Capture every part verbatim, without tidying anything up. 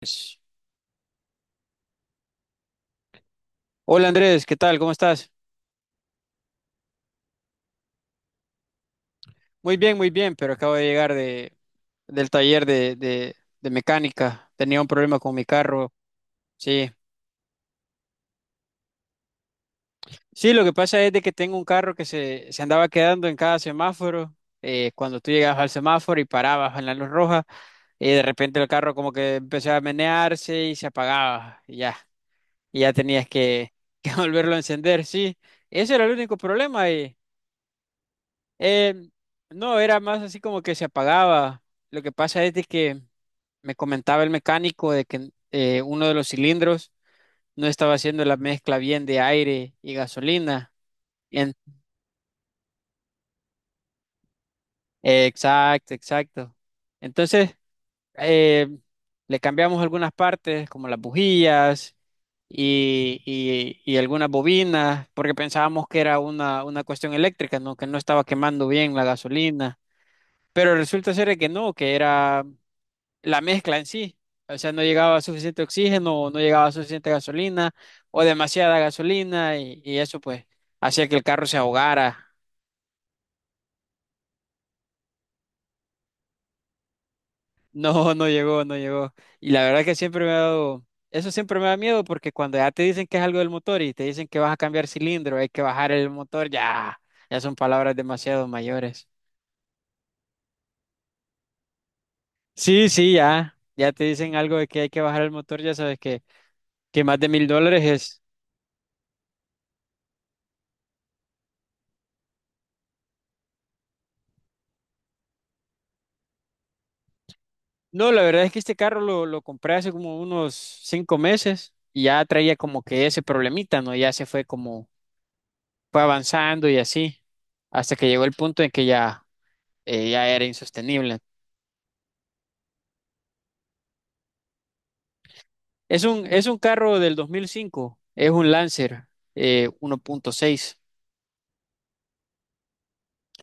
Pues, Hola Andrés, ¿qué tal? ¿Cómo estás? Muy bien, muy bien, pero acabo de llegar de, del taller de, de- de mecánica. Tenía un problema con mi carro. Sí, sí, lo que pasa es de que tengo un carro que se, se andaba quedando en cada semáforo. Eh, cuando tú llegabas al semáforo y parabas en la luz roja, y de repente el carro como que empezaba a menearse y se apagaba. Y ya, y ya tenías que, que volverlo a encender. Sí, ese era el único problema. Eh, no, era más así como que se apagaba. Lo que pasa es de que me comentaba el mecánico de que eh, uno de los cilindros no estaba haciendo la mezcla bien de aire y gasolina. En- exacto, exacto. Entonces, eh, le cambiamos algunas partes, como las bujías y, y- y algunas bobinas, porque pensábamos que era una, una cuestión eléctrica, ¿no? Que no estaba quemando bien la gasolina. Pero resulta ser de que no, que era la mezcla en sí. O sea, no llegaba suficiente oxígeno, o no llegaba suficiente gasolina, o demasiada gasolina, y, y eso pues hacía que el carro se ahogara. No, no llegó, no llegó. Y la verdad que siempre me ha dado, eso siempre me da miedo porque cuando ya te dicen que es algo del motor y te dicen que vas a cambiar cilindro, hay que bajar el motor, ya, ya son palabras demasiado mayores. Sí, sí, ya, ya te dicen algo de que hay que bajar el motor, ya sabes que, que más de mil dólares es. No, la verdad es que este carro lo, lo compré hace como unos cinco meses y ya traía como que ese problemita, ¿no? Ya se fue como, fue avanzando y así, hasta que llegó el punto en que ya, eh, ya era insostenible. Es un, es un carro del dos mil cinco, es un Lancer eh, uno punto seis.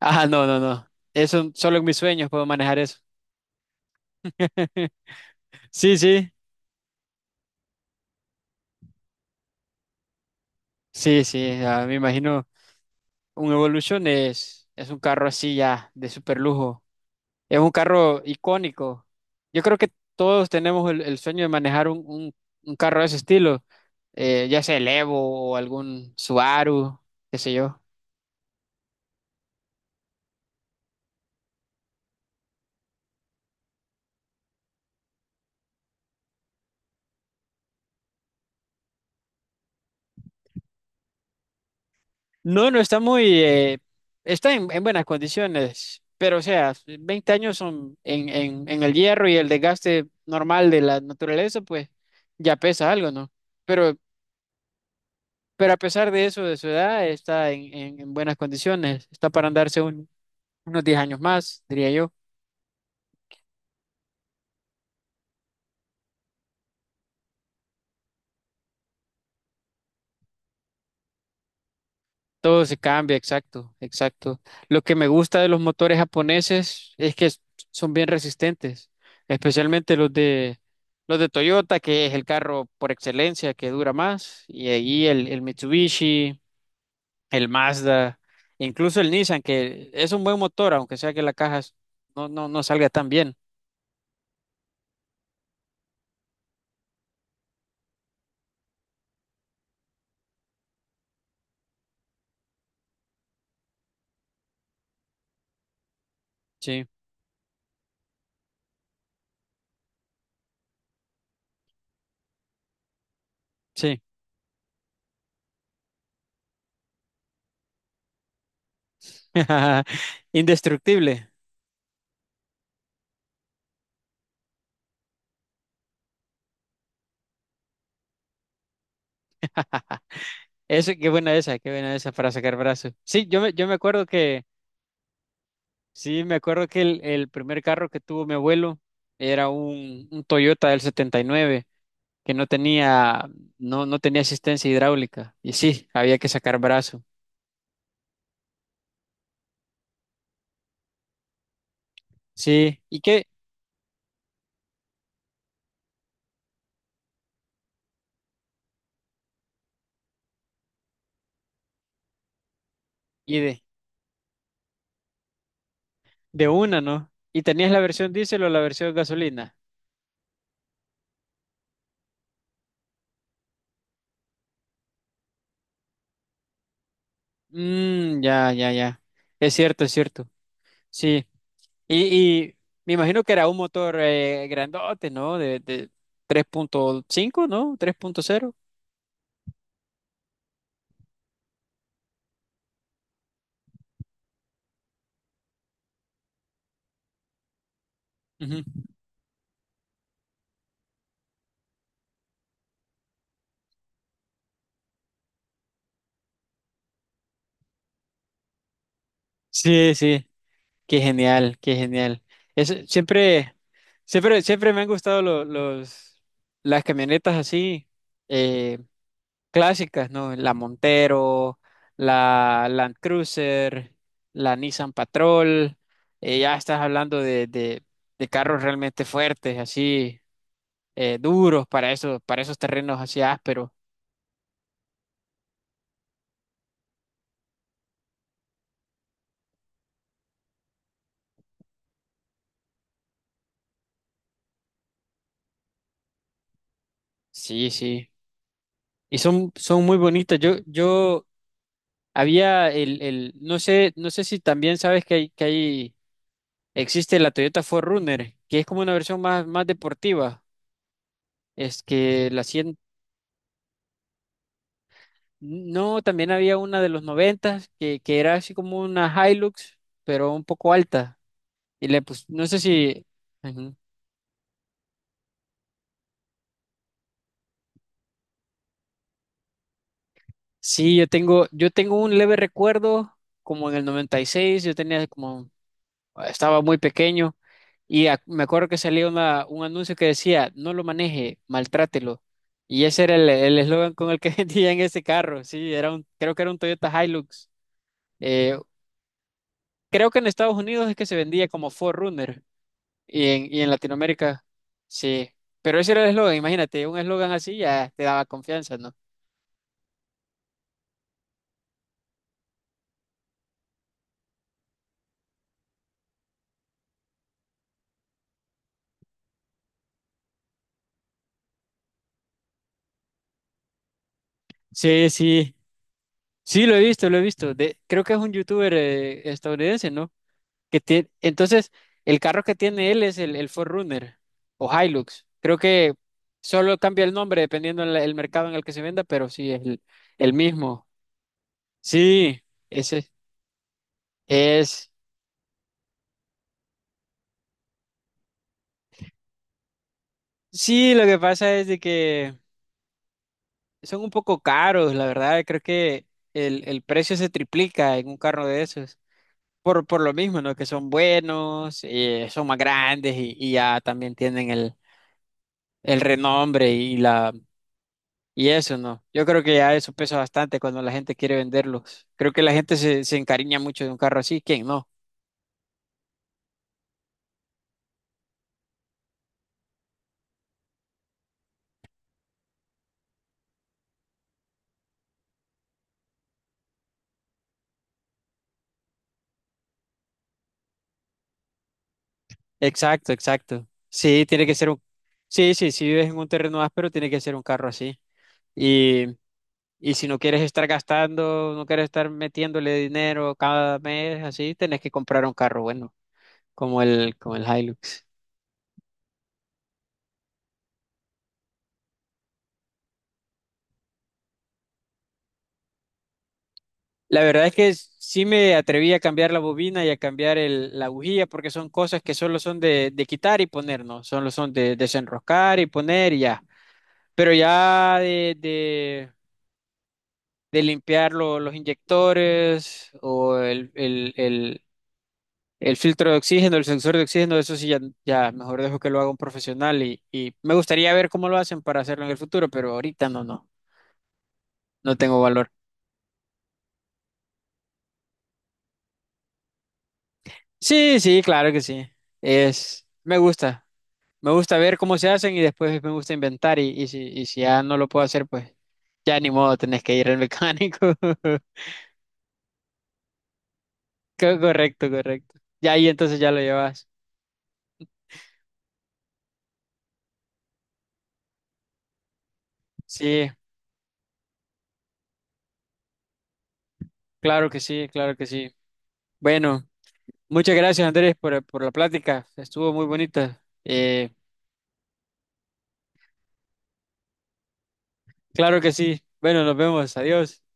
Ah, no, no, no. Eso solo en mis sueños puedo manejar eso. Sí, sí, sí, sí. Ah, me imagino un Evolution es, es un carro así ya de super lujo. Es un carro icónico. Yo creo que todos tenemos el, el sueño de manejar un, un- un carro de ese estilo, eh, ya sea el Evo o algún Subaru, qué sé yo. No, no está muy, eh, está en, en buenas condiciones, pero o sea, veinte años son en, en, en el hierro y el desgaste normal de la naturaleza, pues ya pesa algo, ¿no? Pero, pero a pesar de eso, de su edad, está en, en- en buenas condiciones, está para andarse un- unos diez años más, diría yo. Todo se cambia, exacto, exacto. Lo que me gusta de los motores japoneses es que s- son bien resistentes, especialmente los de los de Toyota, que es el carro por excelencia que dura más, y ahí el, el Mitsubishi, el Mazda, incluso el Nissan, que es un buen motor, aunque sea que la caja s- no, no, no salga tan bien. Sí, sí. Indestructible. Eso, qué buena esa, qué buena esa para sacar brazos. Sí, yo me, yo me acuerdo que sí, me acuerdo que el, el primer carro que tuvo mi abuelo era un, un Toyota del setenta y nueve que no tenía, no, no tenía asistencia hidráulica. Y sí, había que sacar brazo. Sí, ¿y qué? Y de, de una, ¿no? ¿Y tenías la versión diésel o la versión gasolina? Mmm, ya, ya, ya. Es cierto, es cierto. Sí. Y, y me imagino que era un motor eh, grandote, ¿no? De, de tres punto cinco, ¿no? tres punto cero. Ujú. Sí, sí. Qué genial, qué genial. Eso, siempre, siempre, siempre me han gustado lo- los, las camionetas así, eh, clásicas, ¿no? La Montero, la Land Cruiser, la Nissan Patrol. Eh, ya estás hablando de, de- de carros realmente fuertes, así, eh, duros para esos, para esos terrenos así ásperos. Sí, sí. Y son, son muy bonitas. Yo, yo había el, el, no sé, no sé si también sabes que hay, que hay existe la Toyota Forerunner, que es como una versión más, más deportiva. Es que la cien no, también había una de los noventa que, que era así como una Hilux, pero un poco alta. Y le pues, no sé si, ujú. Sí, yo tengo, yo tengo un leve recuerdo, como en el noventa y seis yo tenía como estaba muy pequeño y ac- me acuerdo que salía una, un anuncio que decía, no lo maneje, maltrátelo. Y ese era el el eslogan con el que vendían ese carro, sí, era un, creo que era un Toyota Hilux. Eh, Creo que en Estados Unidos es que se vendía como four runner y en, y en Latinoamérica, sí. Pero ese era el eslogan, imagínate, un eslogan así ya te daba confianza, ¿no? Sí, sí, sí, lo he visto, lo he visto. De, creo que es un youtuber eh, estadounidense, ¿no? Que tiene, entonces, el carro que tiene él es el, el four runner o Hilux. Creo que solo cambia el nombre dependiendo el, el mercado en el que se venda, pero sí es el, el mismo. Sí, ese es. Sí, lo que pasa es de que son un poco caros, la verdad. Creo que el, el precio se triplica en un carro de esos. Por, por lo mismo, ¿no? Que son buenos, eh, son más grandes y, y ya también tienen el, el renombre y la, y eso no, yo creo que ya eso pesa bastante cuando la gente quiere venderlos. Creo que la gente se, se encariña mucho de un carro así, ¿quién no? Exacto, exacto. Sí, tiene que ser un... Sí, sí, si vives en un terreno áspero, tiene que ser un carro así. Y, y si no quieres estar gastando, no quieres estar metiéndole dinero cada mes, así, tenés que comprar un carro bueno, como el, como el Hilux. La verdad es que s- sí me atreví a cambiar la bobina y a cambiar el- la bujía porque son cosas que solo son de, de quitar y poner, ¿no? Solo son de desenroscar y poner y ya. Pero ya de, de, de limpiar lo- los inyectores o el, el, el, el filtro de oxígeno, el sensor de oxígeno, eso sí ya, ya mejor dejo que lo haga un profesional y, y me gustaría ver cómo lo hacen para hacerlo en el futuro, pero ahorita no, no, no tengo valor. Sí, sí, claro que sí. Es, me gusta. Me gusta ver cómo se hacen y después me gusta inventar y, y si, y si ya no lo puedo hacer, pues ya ni modo, tenés que ir al mecánico. Co- Correcto, correcto. Ya ahí entonces ya lo llevas. Sí, claro que sí, claro que sí. Bueno, muchas gracias Andrés por, por la plática. Estuvo muy bonita. Eh, claro que sí. Bueno, nos vemos. Adiós.